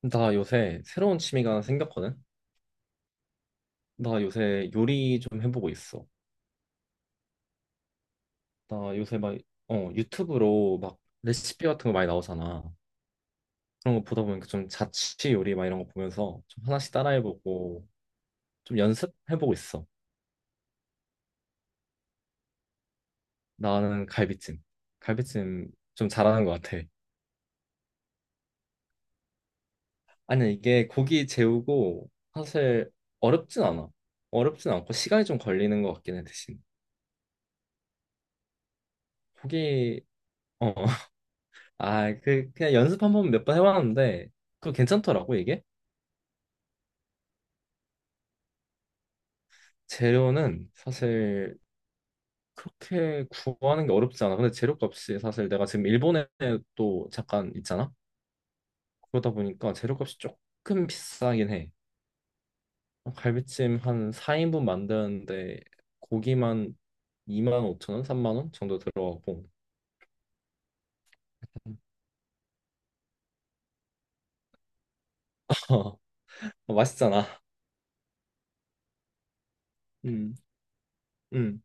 나 요새 새로운 취미가 하나 생겼거든? 나 요새 요리 좀 해보고 있어. 나 요새 막, 유튜브로 막 레시피 같은 거 많이 나오잖아. 그런 거 보다 보니까 좀 자취 요리 막 이런 거 보면서 좀 하나씩 따라해보고 좀 연습해보고 있어. 나는 갈비찜. 갈비찜 좀 잘하는 것 같아. 아니, 이게 고기 재우고 사실 어렵진 않아. 어렵진 않고 시간이 좀 걸리는 것 같긴 해, 대신. 고기, 어. 아, 그, 그냥 연습 한 번 몇 번 해봤는데, 그거 괜찮더라고, 이게? 재료는 사실 그렇게 구하는 게 어렵지 않아. 근데 재료값이 사실 내가 지금 일본에 또 잠깐 있잖아? 그러다 보니까 재료값이 조금 비싸긴 해. 어, 갈비찜 한 4인분 만드는데 고기만 2만 5천 원, 3만 원 정도 들어가고. 어, 맛있잖아. 음, 음,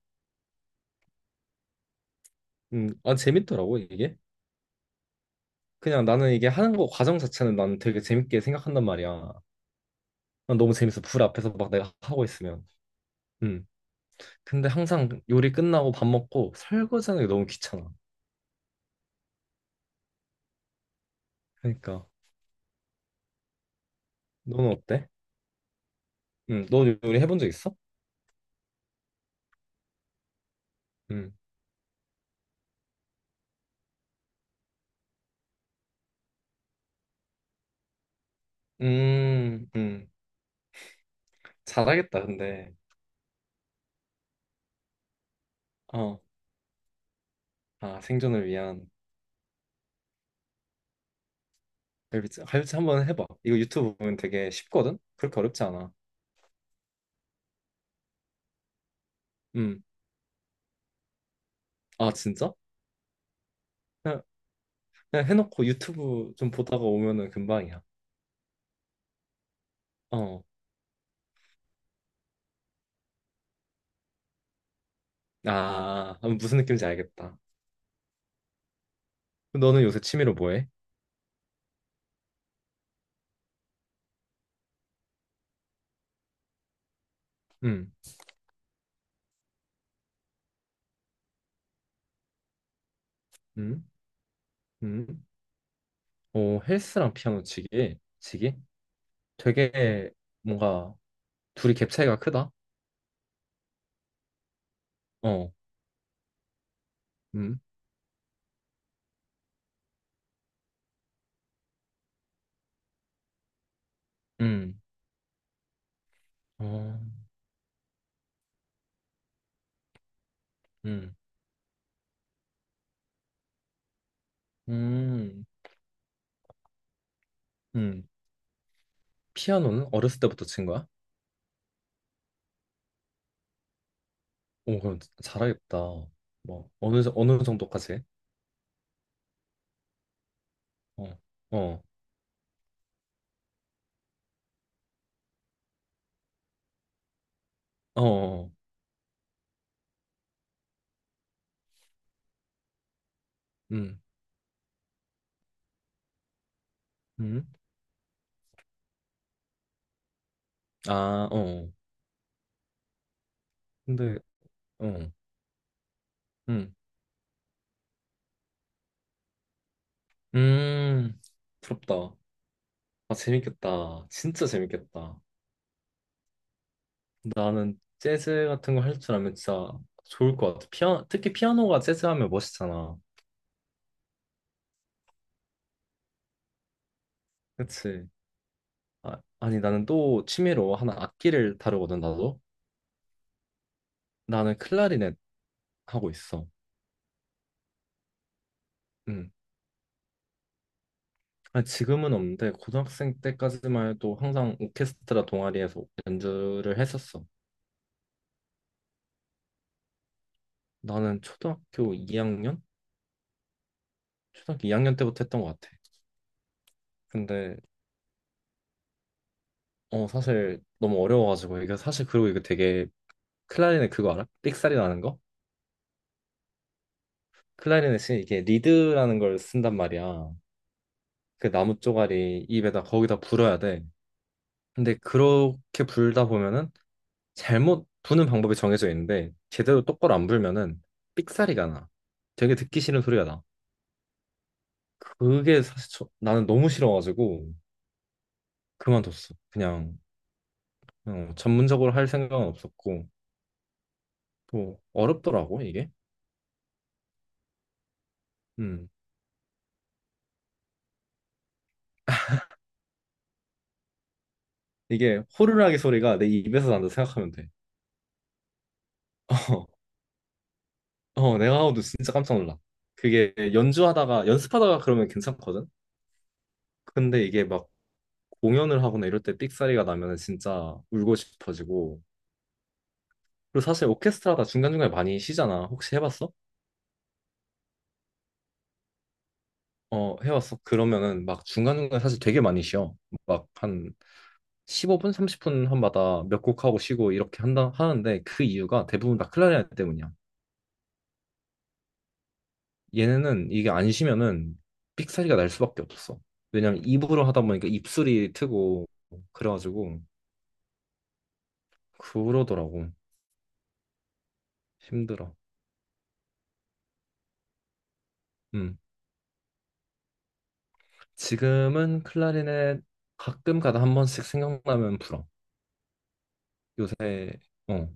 아, 재밌더라고, 이게. 그냥 나는 이게 하는 거 과정 자체는 나는 되게 재밌게 생각한단 말이야. 난 너무 재밌어. 불 앞에서 막 내가 하고 있으면. 음. 근데 항상 요리 끝나고 밥 먹고 설거지하는 게 너무 귀찮아. 그러니까 너는 어때? 음. 너 요리 해본 적 있어? 음. 음. 음. 잘하겠다. 근데 어. 아, 생존을 위한 갈비찜. 갈비찜 한번 해봐. 이거 유튜브 보면 되게 쉽거든. 그렇게 어렵지 않아. 음. 아, 진짜? 그냥, 그냥 해놓고 유튜브 좀 보다가 오면은 금방이야. 어. 아, 무슨 느낌인지 알겠다. 너는 요새 취미로 뭐 해? 음. 음. 음. 어, 헬스랑 피아노 치기, 치기? 되게 뭔가 둘이 갭 차이가 크다. 어, 음, 음, 어, 음, 음, 음. 피아노는 어렸을 때부터 친 거야? 오, 그럼 잘하겠다. 뭐 어느 정도까지? 어, 어, 어, 어, 음, 음, 아, 어. 어. 근데, 어, 음, 음, 부럽다. 아, 재밌겠다. 진짜 재밌겠다. 나는 재즈 같은 거 할 줄 알면 진짜 좋을 것 같아. 피아, 특히 피아노가 재즈 하면 멋있잖아. 그치? 아, 아니, 나는 또 취미로 하나 악기를 다루거든, 나도. 나는 클라리넷 하고 있어. 음. 아니, 지금은 없는데, 고등학생 때까지만 해도 항상 오케스트라 동아리에서 연주를 했었어. 나는 초등학교 2학년? 초등학교 2학년 때부터 했던 것 같아. 근데, 어, 사실 너무 어려워가지고, 이게 사실 그리고 이거 되게 클라리넷 그거 알아? 삑사리 나는 거? 클라리넷이 이게 리드라는 걸 쓴단 말이야. 그 나무 쪼가리 입에다 거기다 불어야 돼. 근데 그렇게 불다 보면은 잘못 부는 방법이 정해져 있는데 제대로 똑바로 안 불면은 삑사리가 나. 되게 듣기 싫은 소리가 나. 그게 사실 나는 너무 싫어가지고 그만뒀어. 그냥 어, 전문적으로 할 생각은 없었고 또 어렵더라고 이게. 음. 이게 호루라기 소리가 내 입에서 난다 생각하면 돼. 어, 레아하우드 진짜 깜짝 놀라. 그게 연주하다가 연습하다가 그러면 괜찮거든. 근데 이게 막 공연을 하거나 이럴 때 삑사리가 나면 진짜 울고 싶어지고. 그리고 사실 오케스트라다 중간중간에 많이 쉬잖아. 혹시 해봤어? 어, 해봤어. 그러면은 막 중간중간에 사실 되게 많이 쉬어. 막 한 15분, 30분 한마다 몇 곡 하고 쉬고 이렇게 한다 하는데 그 이유가 대부분 다 클라리넷 때문이야. 얘네는 이게 안 쉬면은 삑사리가 날 수밖에 없어. 왜냐면 입으로 하다 보니까 입술이 트고 그래가지고 그러더라고. 힘들어. 음. 지금은 클라리넷 가끔 가다 한 번씩 생각나면 불어. 요새 어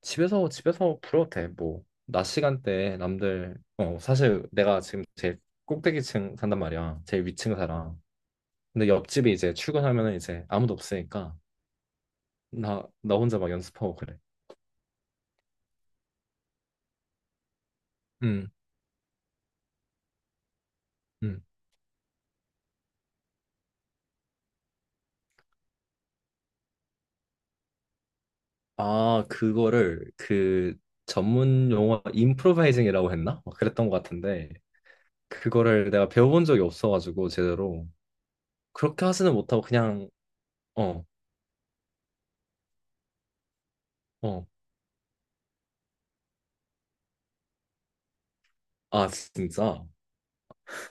집에서 불어도 돼. 뭐 낮 시간대 남들 어 사실 내가 지금 제일 꼭대기층 산단 말이야. 제일 위층 살아. 근데 옆집이 이제 출근하면은 이제 아무도 없으니까 나 혼자 막 연습하고 그래. 음. 음. 아, 그거를 그 전문 용어 임프로바이징이라고 했나? 막 그랬던 것 같은데 그거를 내가 배워본 적이 없어가지고 제대로 그렇게 하지는 못하고 그냥 어, 어, 아 진짜?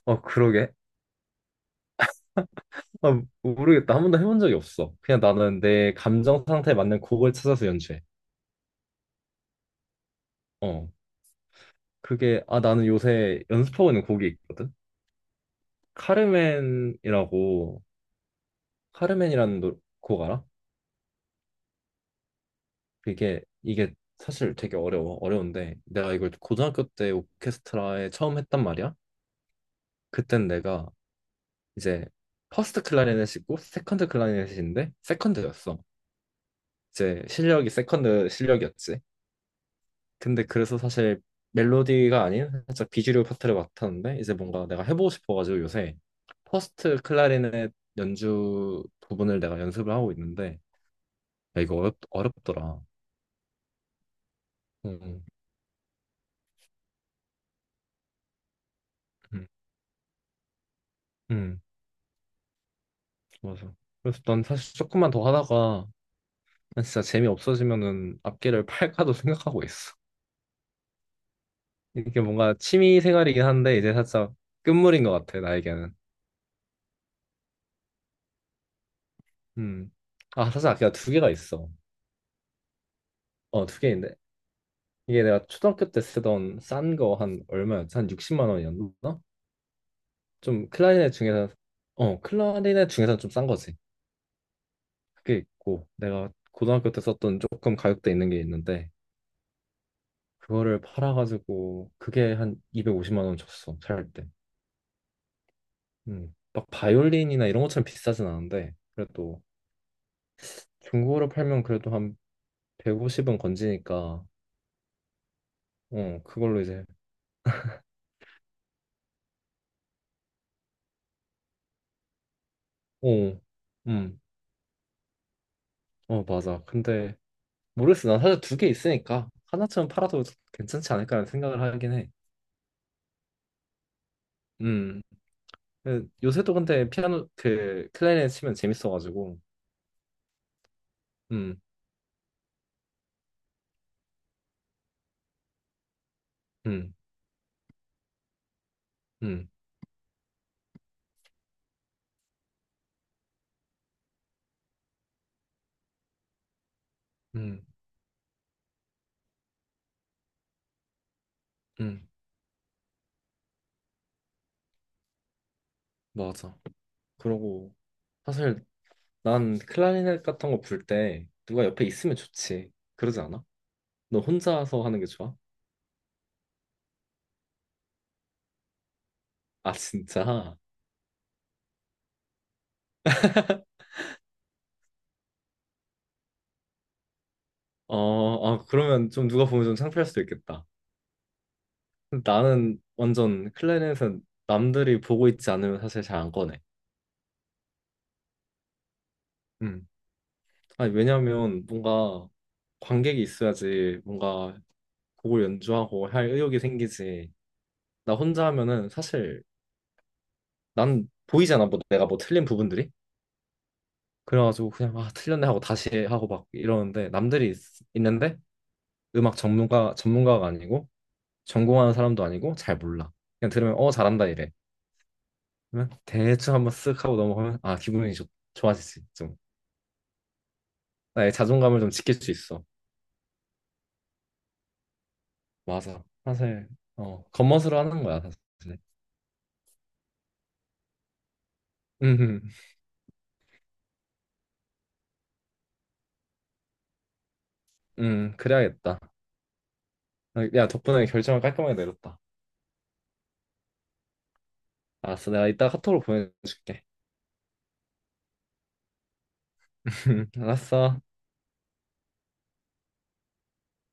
어 그러게? 아 모르겠다 한 번도 해본 적이 없어 그냥 나는 내 감정 상태에 맞는 곡을 찾아서 연주해 어 그게 아 나는 요새 연습하고 있는 곡이 있거든 카르멘이라고 카르멘이라는 곡 알아? 이게 사실 되게 어려워 어려운데 내가 이걸 고등학교 때 오케스트라에 처음 했단 말이야. 그땐 내가 이제 퍼스트 클라리넷이고 세컨드 클라리넷인데 세컨드였어. 이제 실력이 세컨드 실력이었지. 근데 그래서 사실 멜로디가 아닌 살짝 비주류 파트를 맡았는데 이제 뭔가 내가 해보고 싶어가지고 요새 퍼스트 클라리넷 연주 부분을 내가 연습을 하고 있는데 야, 이거 어렵더라. 음, 음, 음. 맞아. 그래서 난 사실 조금만 더 하다가 난 진짜 재미 없어지면은 악기를 팔까도 생각하고 있어. 이게 뭔가 취미 생활이긴 한데 이제 살짝 끝물인 것 같아 나에게는. 음. 아 사실 악기가 두 개가 있어. 어 두 개인데 이게 내가 초등학교 때 쓰던 싼 거 한 얼마였지? 한 60만 원이었나? 좀 클라리넷 중에서 어 클라리넷 중에서 좀 싼 거지. 그게 있고 내가 고등학교 때 썼던 조금 가격대 있는 게 있는데 그거를 팔아가지고 그게 한 250만 원 줬어 살 때. 막 바이올린이나 이런 것처럼 비싸진 않은데 그래도 중고로 팔면 그래도 한 150은 건지니까 어 그걸로 이제 어, 음, 어 맞아. 근데 모르겠어. 난 사실 두 개 있으니까 하나쯤 팔아도 괜찮지 않을까라는 생각을 하긴 해. 음, 그 요새도 근데 피아노 그 클라리넷 치면 재밌어가지고 음, 음, 음, 음, 음, 맞아. 그러고 사실 난 클라리넷 같은 거 불 때 누가 옆에 있으면 좋지. 그러지 않아? 너 혼자서 하는 게 좋아? 아, 진짜? 어, 아, 그러면 좀 누가 보면 좀 창피할 수도 있겠다. 나는 완전 클라리넷은 남들이 보고 있지 않으면 사실 잘 안 꺼내. 음. 아니, 왜냐면 뭔가 관객이 있어야지 뭔가 곡을 연주하고 할 의욕이 생기지. 나 혼자 하면은 사실 난 보이잖아. 뭐 내가 뭐 틀린 부분들이. 그래가지고 그냥 아, 틀렸네 하고 다시 하고 막 이러는데 남들이 있, 는데 음악 전문가가 아니고 전공하는 사람도 아니고 잘 몰라. 그냥 들으면 어 잘한다 이래. 그러면 대충 한번 쓱 하고 넘어가면 아 기분이 좋아지지 좀. 나의 자존감을 좀 지킬 수 있어. 맞아. 사실 어 겉멋으로 하는 거야 사실. 음, 그래야겠다. 야 덕분에 결정을 깔끔하게 내렸다. 알았어 내가 이따 카톡으로 보내줄게. 알았어.